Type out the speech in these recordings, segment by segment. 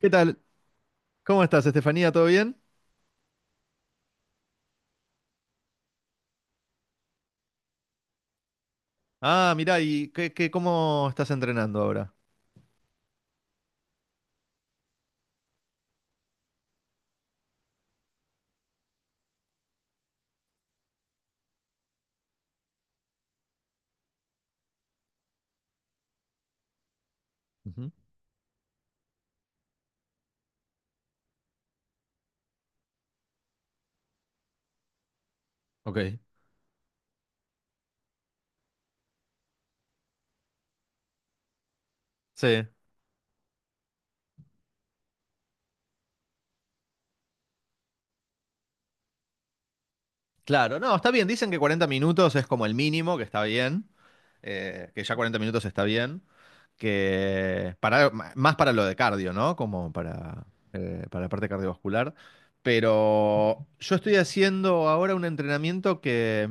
¿Qué tal? ¿Cómo estás, Estefanía? ¿Todo bien? Ah, mirá, ¿y cómo estás entrenando ahora? Ujú. Ok. Sí, claro. No, está bien. Dicen que 40 minutos es como el mínimo, que está bien. Que ya 40 minutos está bien. Que para, más para lo de cardio, ¿no? Como para la parte cardiovascular. Pero yo estoy haciendo ahora un entrenamiento que.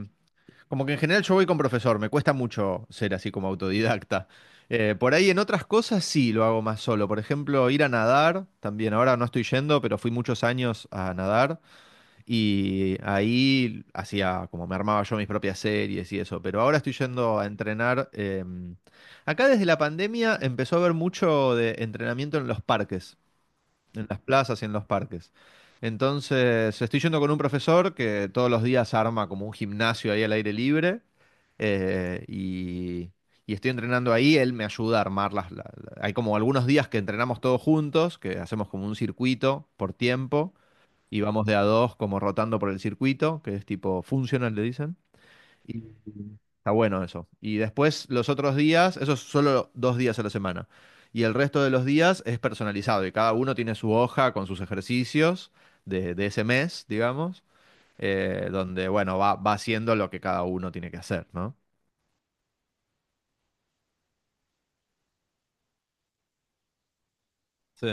Como que en general yo voy con profesor, me cuesta mucho ser así como autodidacta. Por ahí en otras cosas sí lo hago más solo. Por ejemplo, ir a nadar, también ahora no estoy yendo, pero fui muchos años a nadar y ahí hacía como me armaba yo mis propias series y eso. Pero ahora estoy yendo a entrenar. Acá desde la pandemia empezó a haber mucho de entrenamiento en los parques en las plazas y en los parques. Entonces, estoy yendo con un profesor que todos los días arma como un gimnasio ahí al aire libre eh, y, y estoy entrenando ahí. Él me ayuda a armar hay como algunos días que entrenamos todos juntos, que hacemos como un circuito por tiempo y vamos de a dos como rotando por el circuito, que es tipo funcional, le dicen. Está bueno eso. Y después los otros días, eso es solo 2 días a la semana. Y el resto de los días es personalizado y cada uno tiene su hoja con sus ejercicios de ese mes, digamos, donde, bueno, va haciendo lo que cada uno tiene que hacer, ¿no? Sí.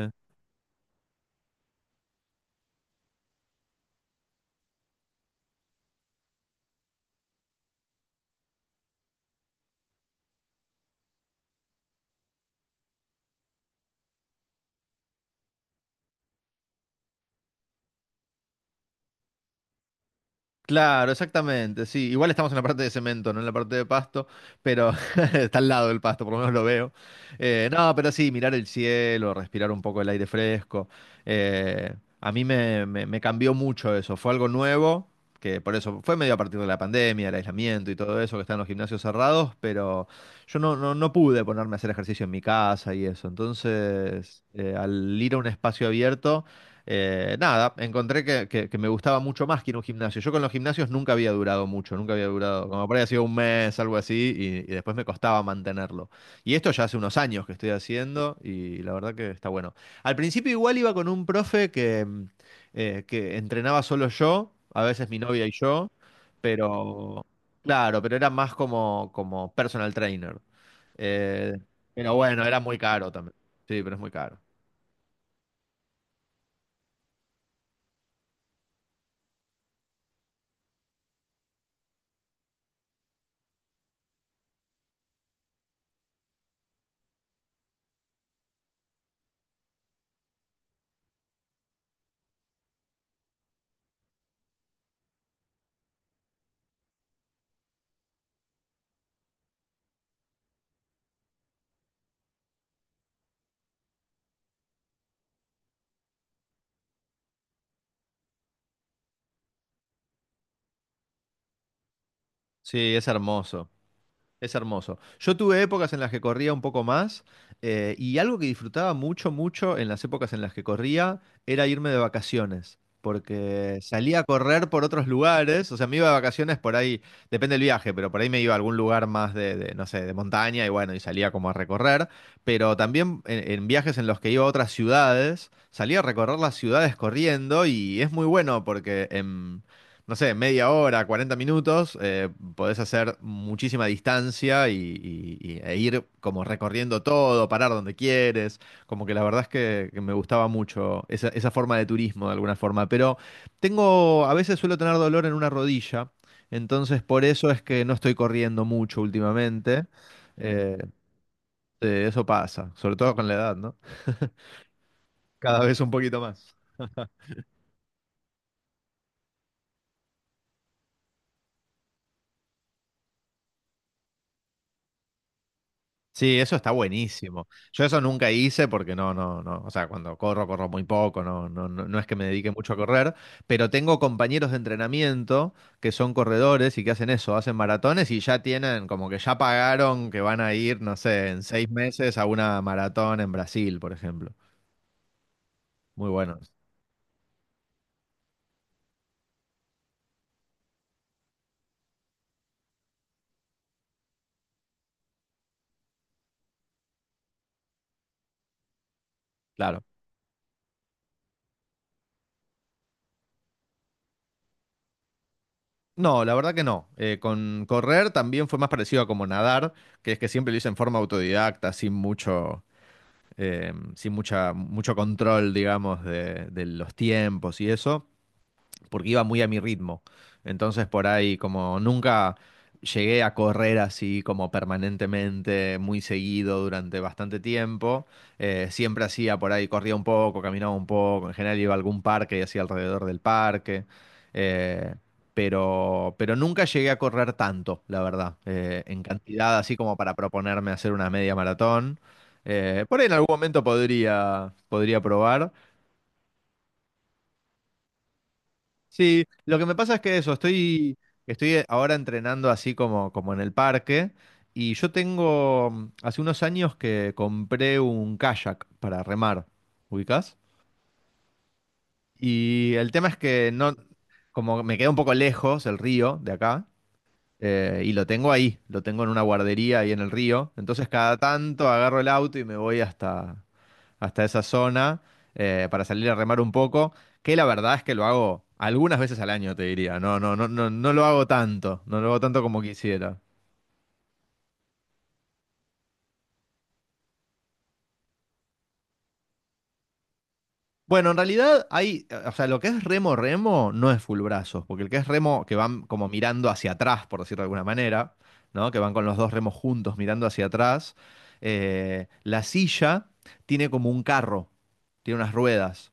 Claro, exactamente, sí. Igual estamos en la parte de cemento, no en la parte de pasto, pero está al lado del pasto, por lo menos lo veo. No, pero sí, mirar el cielo, respirar un poco el aire fresco. eh, a mí me cambió mucho eso. Fue algo nuevo, que por eso fue medio a partir de la pandemia, el aislamiento y todo eso, que están los gimnasios cerrados, pero yo no pude ponerme a hacer ejercicio en mi casa y eso. Entonces, al ir a un espacio abierto, nada, encontré que, que me gustaba mucho más que ir a un gimnasio. Yo con los gimnasios nunca había durado mucho, nunca había durado, como por ahí ha sido un mes, algo así, y después me costaba mantenerlo. Y esto ya hace unos años que estoy haciendo y la verdad que está bueno. Al principio igual iba con un profe que entrenaba solo yo, a veces mi novia y yo, pero claro, pero era más como personal trainer. Eh, pero bueno, era muy caro también. Sí, pero es muy caro. Sí, es hermoso. Es hermoso. Yo tuve épocas en las que corría un poco más, y algo que disfrutaba mucho, mucho en las épocas en las que corría era irme de vacaciones, porque salía a correr por otros lugares, o sea, me iba de vacaciones por ahí, depende del viaje, pero por ahí me iba a algún lugar más no sé, de montaña y bueno, y salía como a recorrer, pero también en viajes en los que iba a otras ciudades, salía a recorrer las ciudades corriendo y es muy bueno porque, no sé, media hora, 40 minutos, podés hacer muchísima distancia y, e ir como recorriendo todo, parar donde quieres. Como que la verdad es que, me gustaba mucho esa forma de turismo de alguna forma. Pero a veces suelo tener dolor en una rodilla, entonces por eso es que no estoy corriendo mucho últimamente. Mm. Eso pasa, sobre todo con la edad, ¿no? Cada vez un poquito más. Sí, eso está buenísimo. Yo eso nunca hice porque no, no, no, o sea, cuando corro, corro muy poco, no es que me dedique mucho a correr, pero tengo compañeros de entrenamiento que son corredores y que hacen eso, hacen maratones y ya tienen, como que ya pagaron que van a ir, no sé, en 6 meses a una maratón en Brasil, por ejemplo. Muy buenos, claro. No, la verdad que no. Con correr también fue más parecido a como nadar, que es que siempre lo hice en forma autodidacta, sin mucho sin mucha, mucho control, digamos, de los tiempos y eso porque iba muy a mi ritmo. Entonces por ahí como nunca llegué a correr así como permanentemente, muy seguido durante bastante tiempo. Siempre hacía por ahí, corría un poco, caminaba un poco, en general iba a algún parque y hacía alrededor del parque. eh, pero nunca llegué a correr tanto, la verdad, en cantidad así como para proponerme hacer una media maratón. Por ahí en algún momento podría probar. Sí, lo que me pasa es que eso, estoy ahora entrenando así como en el parque y yo tengo, hace unos años que compré un kayak para remar, ¿ubicás? Y el tema es que no, como me queda un poco lejos el río de acá, y lo tengo ahí, lo tengo en una guardería ahí en el río, entonces cada tanto agarro el auto y me voy hasta esa zona, para salir a remar un poco, que la verdad es que lo hago algunas veces al año, te diría. No lo hago tanto, no lo hago tanto como quisiera. Bueno, en realidad o sea, lo que es remo remo no es full brazos, porque el que es remo que van como mirando hacia atrás, por decirlo de alguna manera, ¿no? Que van con los dos remos juntos mirando hacia atrás. La silla tiene como un carro, tiene unas ruedas.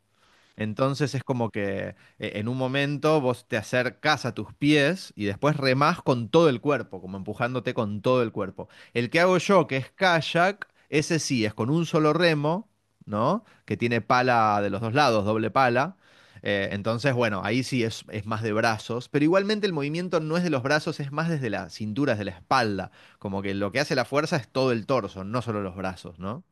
Entonces es como que en un momento vos te acercás a tus pies y después remás con todo el cuerpo, como empujándote con todo el cuerpo. El que hago yo, que es kayak, ese sí, es con un solo remo, ¿no? Que tiene pala de los dos lados, doble pala. Entonces, bueno, ahí sí es más de brazos, pero igualmente el movimiento no es de los brazos, es más desde la cintura, desde la espalda. Como que lo que hace la fuerza es todo el torso, no solo los brazos, ¿no?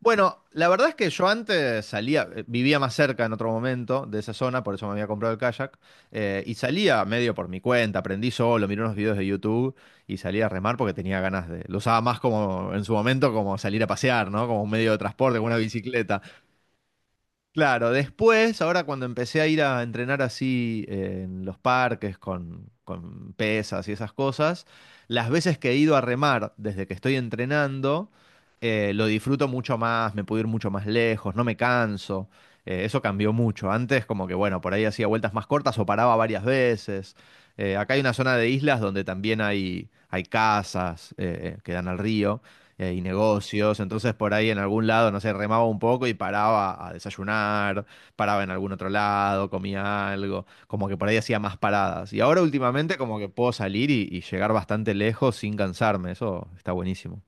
Bueno, la verdad es que yo antes vivía más cerca en otro momento de esa zona, por eso me había comprado el kayak, y salía medio por mi cuenta, aprendí solo, miré unos videos de YouTube y salía a remar porque tenía ganas de, lo usaba más como en su momento como salir a pasear, ¿no? Como un medio de transporte, como una bicicleta. Claro, después, ahora cuando empecé a ir a entrenar así en los parques con pesas y esas cosas, las veces que he ido a remar desde que estoy entrenando, lo disfruto mucho más, me puedo ir mucho más lejos, no me canso. Eso cambió mucho. Antes como que, bueno, por ahí hacía vueltas más cortas o paraba varias veces. Acá hay una zona de islas donde también hay casas que dan al río y negocios. Entonces por ahí en algún lado, no sé, remaba un poco y paraba a desayunar, paraba en algún otro lado, comía algo, como que por ahí hacía más paradas. Y ahora últimamente como que puedo salir y llegar bastante lejos sin cansarme, eso está buenísimo.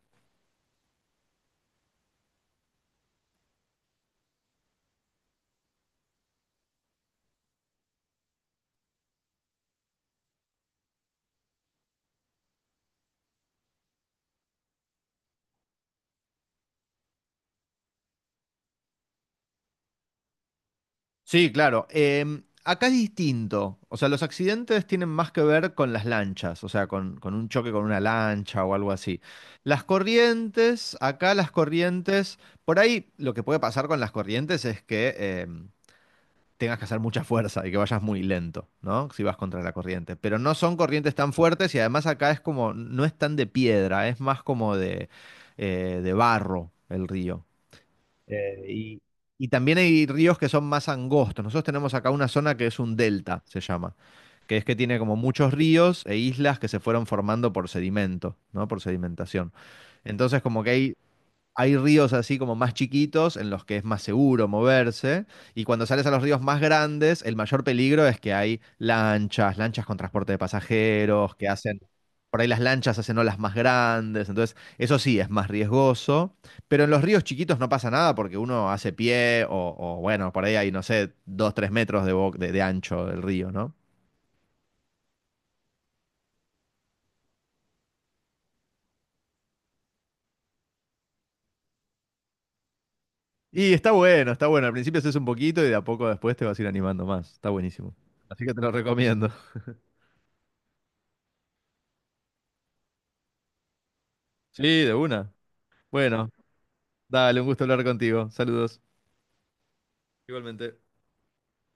Sí, claro. Acá es distinto. O sea, los accidentes tienen más que ver con las lanchas, o sea, con un choque con una lancha o algo así. Acá las corrientes, por ahí lo que puede pasar con las corrientes es que em, tengas que hacer mucha fuerza y que vayas muy lento, ¿no? Si vas contra la corriente. Pero no son corrientes tan fuertes y además acá es como, no es tan de piedra, es más como de barro el río. Eh, y, y también hay ríos que son más angostos. Nosotros tenemos acá una zona que es un delta, se llama, que es que tiene como muchos ríos e islas que se fueron formando por sedimento, ¿no? Por sedimentación. Entonces como que hay ríos así como más chiquitos en los que es más seguro moverse y cuando sales a los ríos más grandes, el mayor peligro es que hay lanchas, lanchas con transporte de pasajeros, que hacen, por ahí las lanchas hacen olas más grandes, entonces eso sí es más riesgoso, pero en los ríos chiquitos no pasa nada porque uno hace pie o bueno, por ahí hay, no sé, 2, 3 metros de ancho del río, ¿no? Y está bueno, está bueno. Al principio haces un poquito y de a poco después te vas a ir animando más. Está buenísimo. Así que te lo recomiendo. Sí, de una. Bueno, dale, un gusto hablar contigo. Saludos. Igualmente.